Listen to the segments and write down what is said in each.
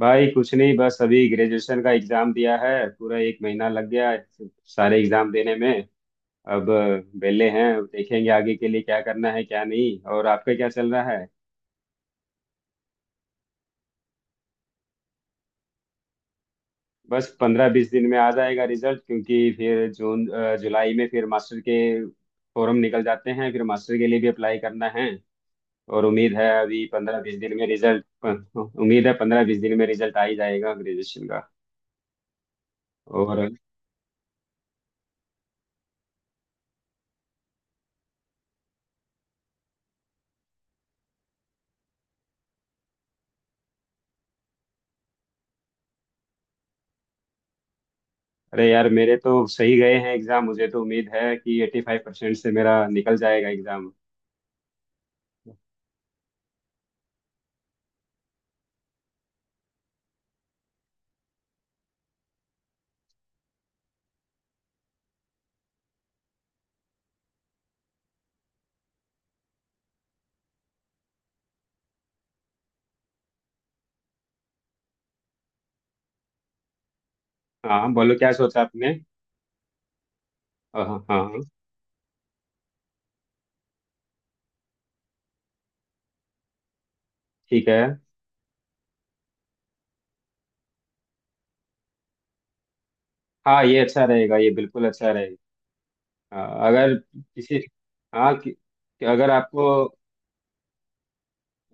भाई कुछ नहीं। बस अभी ग्रेजुएशन का एग्जाम दिया है, पूरा एक महीना लग गया है सारे एग्जाम देने में। अब वेले हैं, अब देखेंगे आगे के लिए क्या करना है क्या नहीं। और आपका क्या चल रहा है? बस 15-20 दिन में आ जाएगा रिजल्ट, क्योंकि फिर जून जुलाई में फिर मास्टर के फॉर्म निकल जाते हैं, फिर मास्टर के लिए भी अप्लाई करना है। और उम्मीद है अभी 15-20 दिन में रिजल्ट। उम्मीद है पंद्रह बीस दिन में रिजल्ट आ ही जाएगा ग्रेजुएशन का। और अरे यार, मेरे तो सही गए हैं एग्जाम, मुझे तो उम्मीद है कि 85% से मेरा निकल जाएगा एग्जाम। हाँ, बोलो क्या सोचा आपने। हाँ हाँ हाँ। ठीक है। हाँ, ये अच्छा रहेगा, ये बिल्कुल अच्छा रहेगा। हाँ, अगर किसी। हाँ कि अगर आपको,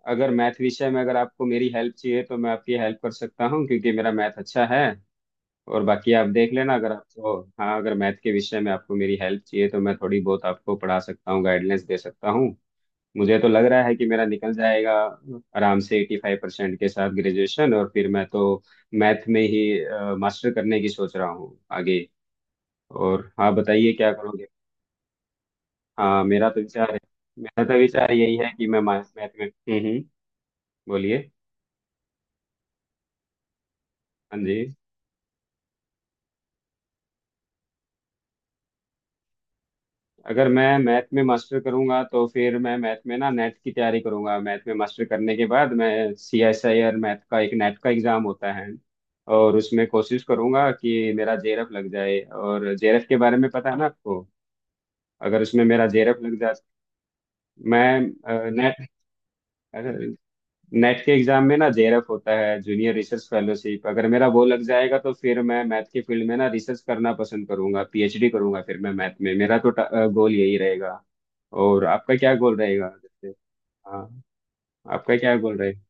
अगर मैथ विषय में अगर आपको मेरी हेल्प चाहिए तो मैं आपकी हेल्प कर सकता हूँ, क्योंकि मेरा मैथ अच्छा है। और बाकी आप देख लेना, अगर आपको हाँ अगर मैथ के विषय में आपको मेरी हेल्प चाहिए तो मैं थोड़ी बहुत आपको पढ़ा सकता हूँ, गाइडलाइंस दे सकता हूँ। मुझे तो लग रहा है कि मेरा निकल जाएगा आराम से 85% के साथ ग्रेजुएशन। और फिर मैं तो मैथ में ही मास्टर करने की सोच रहा हूँ आगे। और आप बताइए क्या करोगे? हाँ, मेरा तो विचार है। मेरा तो विचार यही है कि मैं मैथ में। बोलिए। हाँ जी। अगर मैं मैथ में मास्टर करूंगा तो फिर मैं मैथ में ना नेट की तैयारी करूंगा, मैथ में मास्टर करने के बाद मैं। C S I R math का एक नेट का एग्जाम होता है, और उसमें कोशिश करूंगा कि मेरा जेरफ लग जाए, और जेरफ के बारे में पता है ना आपको। अगर उसमें मेरा जेरफ लग जाए। मैं। नेट नेट के एग्जाम में ना जेआरएफ होता है, जूनियर रिसर्च फेलोशिप। अगर मेरा वो लग जाएगा तो फिर मैं मैथ के फील्ड में ना रिसर्च करना पसंद करूंगा, पीएचडी करूंगा फिर मैं मैथ में। मेरा तो गोल यही रहेगा। और आपका क्या गोल रहेगा जैसे? हाँ। आपका क्या गोल रहेगा?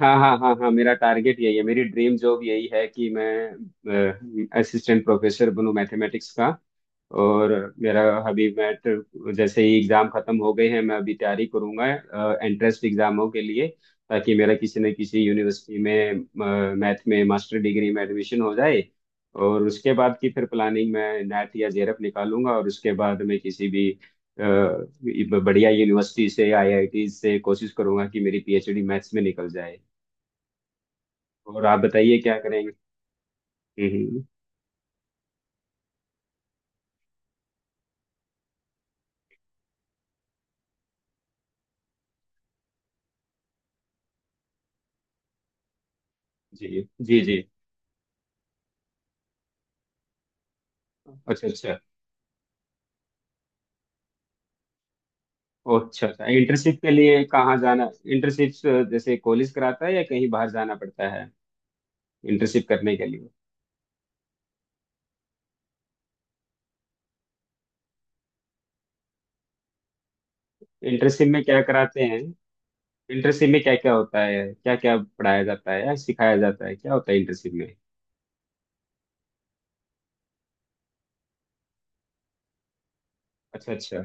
हाँ हाँ हाँ हाँ, मेरा टारगेट यही है, मेरी ड्रीम जॉब यही है कि मैं असिस्टेंट प्रोफेसर बनूं मैथमेटिक्स का। और मेरा अभी जैसे ही एग्जाम खत्म हो गए हैं मैं अभी तैयारी करूंगा एंट्रेंस एग्जामों के लिए, ताकि मेरा किसी न किसी यूनिवर्सिटी में मैथ में मास्टर डिग्री में एडमिशन हो जाए। और उसके बाद की फिर प्लानिंग, मैं नैट या जेरप निकालूंगा, और उसके बाद मैं किसी भी अ, बढ़िया यूनिवर्सिटी से, आईआईटी से कोशिश करूंगा कि मेरी पीएचडी मैथ्स में निकल जाए। और आप बताइए क्या करेंगे? हम्म। जी जी जी। अच्छा अच्छा। ओह, अच्छा अच्छा। इंटर्नशिप के लिए कहाँ जाना, इंटर्नशिप जैसे कॉलेज कराता है या कहीं बाहर जाना पड़ता है इंटर्नशिप करने के लिए? इंटर्नशिप में क्या कराते हैं? इंटर्नशिप में क्या क्या होता है, क्या क्या पढ़ाया जाता है या सिखाया जाता है, क्या होता है इंटर्नशिप में? अच्छा अच्छा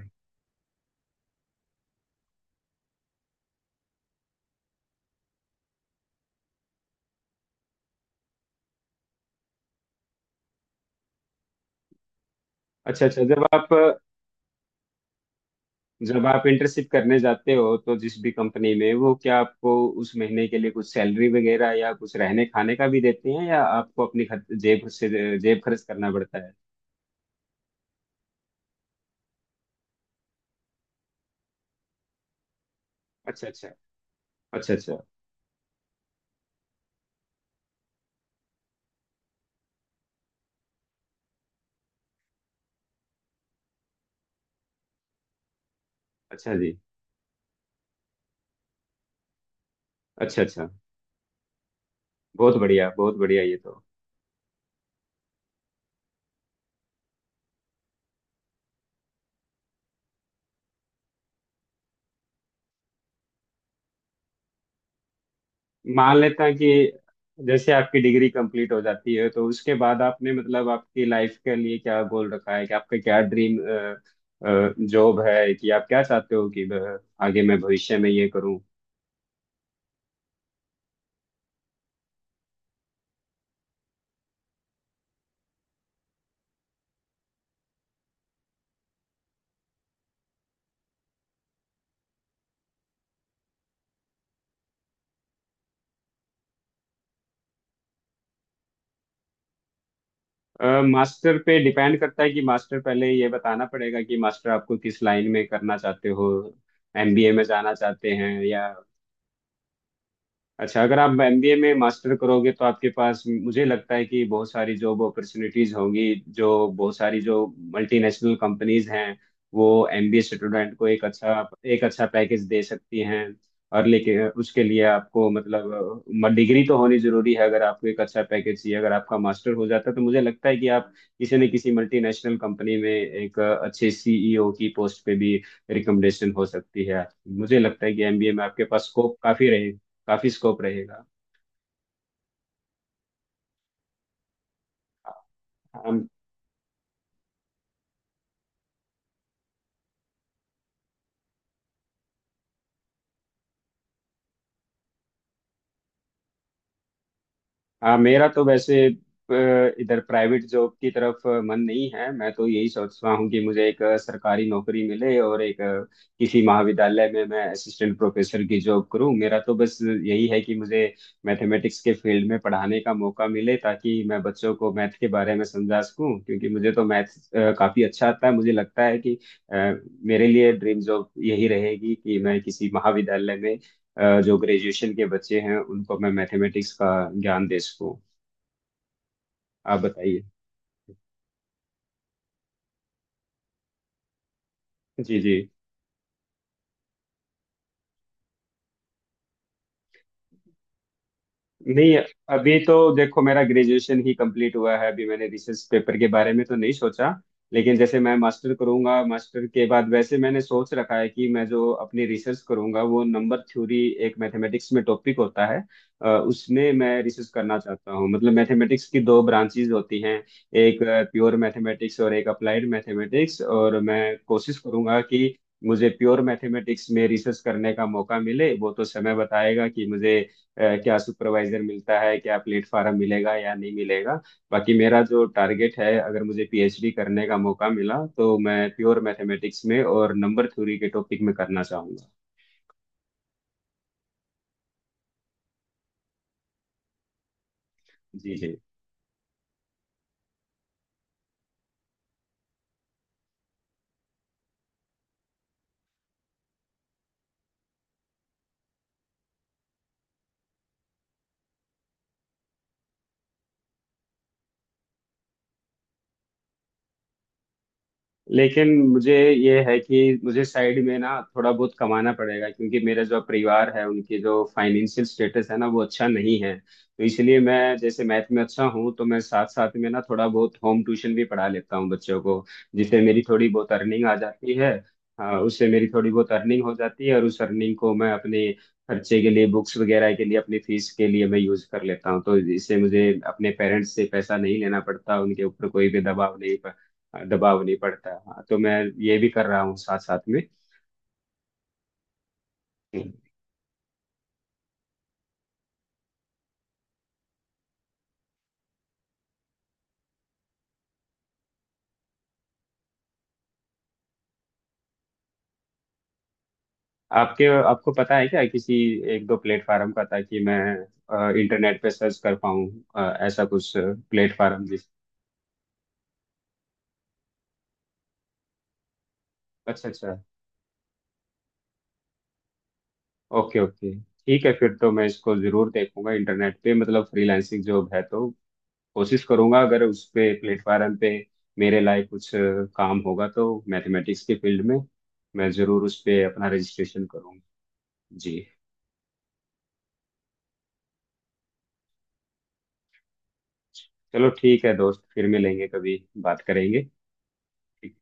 अच्छा अच्छा। जब आप, जब आप इंटर्नशिप करने जाते हो तो जिस भी कंपनी में, वो क्या आपको उस महीने के लिए कुछ सैलरी वगैरह या कुछ रहने खाने का भी देते हैं, या आपको अपनी जेब से जेब खर्च करना पड़ता है? अच्छा अच्छा। अच्छा अच्छा। अच्छा जी। अच्छा अच्छा। बहुत बढ़िया, बहुत बढ़िया, ये तो। मान लेता हूं कि जैसे आपकी डिग्री कंप्लीट हो जाती है तो उसके बाद आपने मतलब आपकी लाइफ के लिए क्या गोल रखा है, कि आपका क्या ड्रीम जॉब है, कि आप क्या चाहते हो कि आगे मैं भविष्य में ये करूं? मास्टर पे डिपेंड करता है कि मास्टर, पहले ये बताना पड़ेगा कि मास्टर आपको किस लाइन में करना चाहते हो, एमबीए में जाना चाहते हैं या? अच्छा, अगर आप एमबीए में मास्टर करोगे तो आपके पास मुझे लगता है कि बहुत सारी जॉब अपॉर्चुनिटीज होंगी। जो, बहुत सारी जो मल्टीनेशनल कंपनीज हैं, वो एमबीए स्टूडेंट को एक अच्छा, एक अच्छा पैकेज दे सकती हैं। और लेकिन उसके लिए आपको मतलब डिग्री तो होनी जरूरी है। अगर आपको एक अच्छा पैकेज चाहिए, अगर आपका मास्टर हो जाता है तो मुझे लगता है कि आप किसी न किसी मल्टीनेशनल कंपनी में एक अच्छे सीईओ की पोस्ट पे भी रिकमेंडेशन हो सकती है। मुझे लगता है कि एमबीए में आपके पास स्कोप काफी, काफी स्कोप रहेगा। हम। हाँ, मेरा तो वैसे इधर प्राइवेट जॉब की तरफ मन नहीं है, मैं तो यही सोच रहा हूँ कि मुझे एक सरकारी नौकरी मिले और एक किसी महाविद्यालय में मैं असिस्टेंट प्रोफेसर की जॉब करूँ। मेरा तो बस यही है कि मुझे मैथमेटिक्स के फील्ड में पढ़ाने का मौका मिले, ताकि मैं बच्चों को मैथ के बारे में समझा सकूँ, क्योंकि मुझे तो मैथ काफी अच्छा आता है। मुझे लगता है कि अ, मेरे लिए ड्रीम जॉब यही रहेगी कि मैं किसी महाविद्यालय में, जो ग्रेजुएशन के बच्चे हैं उनको मैं मैथमेटिक्स का ज्ञान दे सकूँ। आप बताइए। जी जी। नहीं, अभी तो देखो मेरा ग्रेजुएशन ही कंप्लीट हुआ है, अभी मैंने रिसर्च पेपर के बारे में तो नहीं सोचा, लेकिन जैसे मैं मास्टर करूंगा मास्टर के बाद वैसे मैंने सोच रखा है कि मैं जो अपनी रिसर्च करूंगा वो नंबर थ्योरी, एक मैथमेटिक्स में टॉपिक होता है, उसमें मैं रिसर्च करना चाहता हूँ। मतलब मैथमेटिक्स की दो ब्रांचेज होती हैं, एक प्योर मैथमेटिक्स और एक अप्लाइड मैथमेटिक्स, और मैं कोशिश करूंगा कि मुझे प्योर मैथमेटिक्स में रिसर्च करने का मौका मिले। वो तो समय बताएगा कि मुझे क्या सुपरवाइजर मिलता है, क्या प्लेटफॉर्म मिलेगा या नहीं मिलेगा। बाकी मेरा जो टारगेट है, अगर मुझे पीएचडी करने का मौका मिला तो मैं प्योर मैथमेटिक्स में और नंबर थ्योरी के टॉपिक में करना चाहूंगा। जी जी। लेकिन मुझे ये है कि मुझे साइड में ना थोड़ा बहुत कमाना पड़ेगा, क्योंकि मेरा जो परिवार है उनकी जो फाइनेंशियल स्टेटस है ना वो अच्छा नहीं है, तो इसलिए मैं, जैसे मैथ में अच्छा हूँ तो मैं साथ साथ में ना थोड़ा बहुत होम ट्यूशन भी पढ़ा लेता हूँ बच्चों को, जिससे मेरी थोड़ी बहुत अर्निंग आ जाती है। हाँ, उससे मेरी थोड़ी बहुत अर्निंग हो जाती है और उस अर्निंग को मैं अपने खर्चे के लिए, बुक्स वगैरह के लिए, अपनी फीस के लिए मैं यूज कर लेता हूँ, तो इससे मुझे अपने पेरेंट्स से पैसा नहीं लेना पड़ता, उनके ऊपर कोई भी दबाव नहीं, दबाव नहीं पड़ता। हाँ, तो मैं ये भी कर रहा हूँ साथ साथ में। हम्म। आपके, आपको पता है क्या किसी एक दो प्लेटफार्म का, ताकि मैं इंटरनेट पे सर्च कर पाऊँ ऐसा कुछ प्लेटफार्म जिस? अच्छा अच्छा। Okay okay. ठीक है, फिर तो मैं इसको जरूर देखूंगा इंटरनेट पे, मतलब फ्रीलांसिंग जॉब है तो कोशिश करूंगा, अगर उस पे प्लेटफार्म पे मेरे लायक कुछ काम होगा तो मैथमेटिक्स के फील्ड में मैं जरूर उस पे अपना रजिस्ट्रेशन करूंगा। जी। चलो ठीक है दोस्त, फिर मिलेंगे कभी, बात करेंगे। ठीक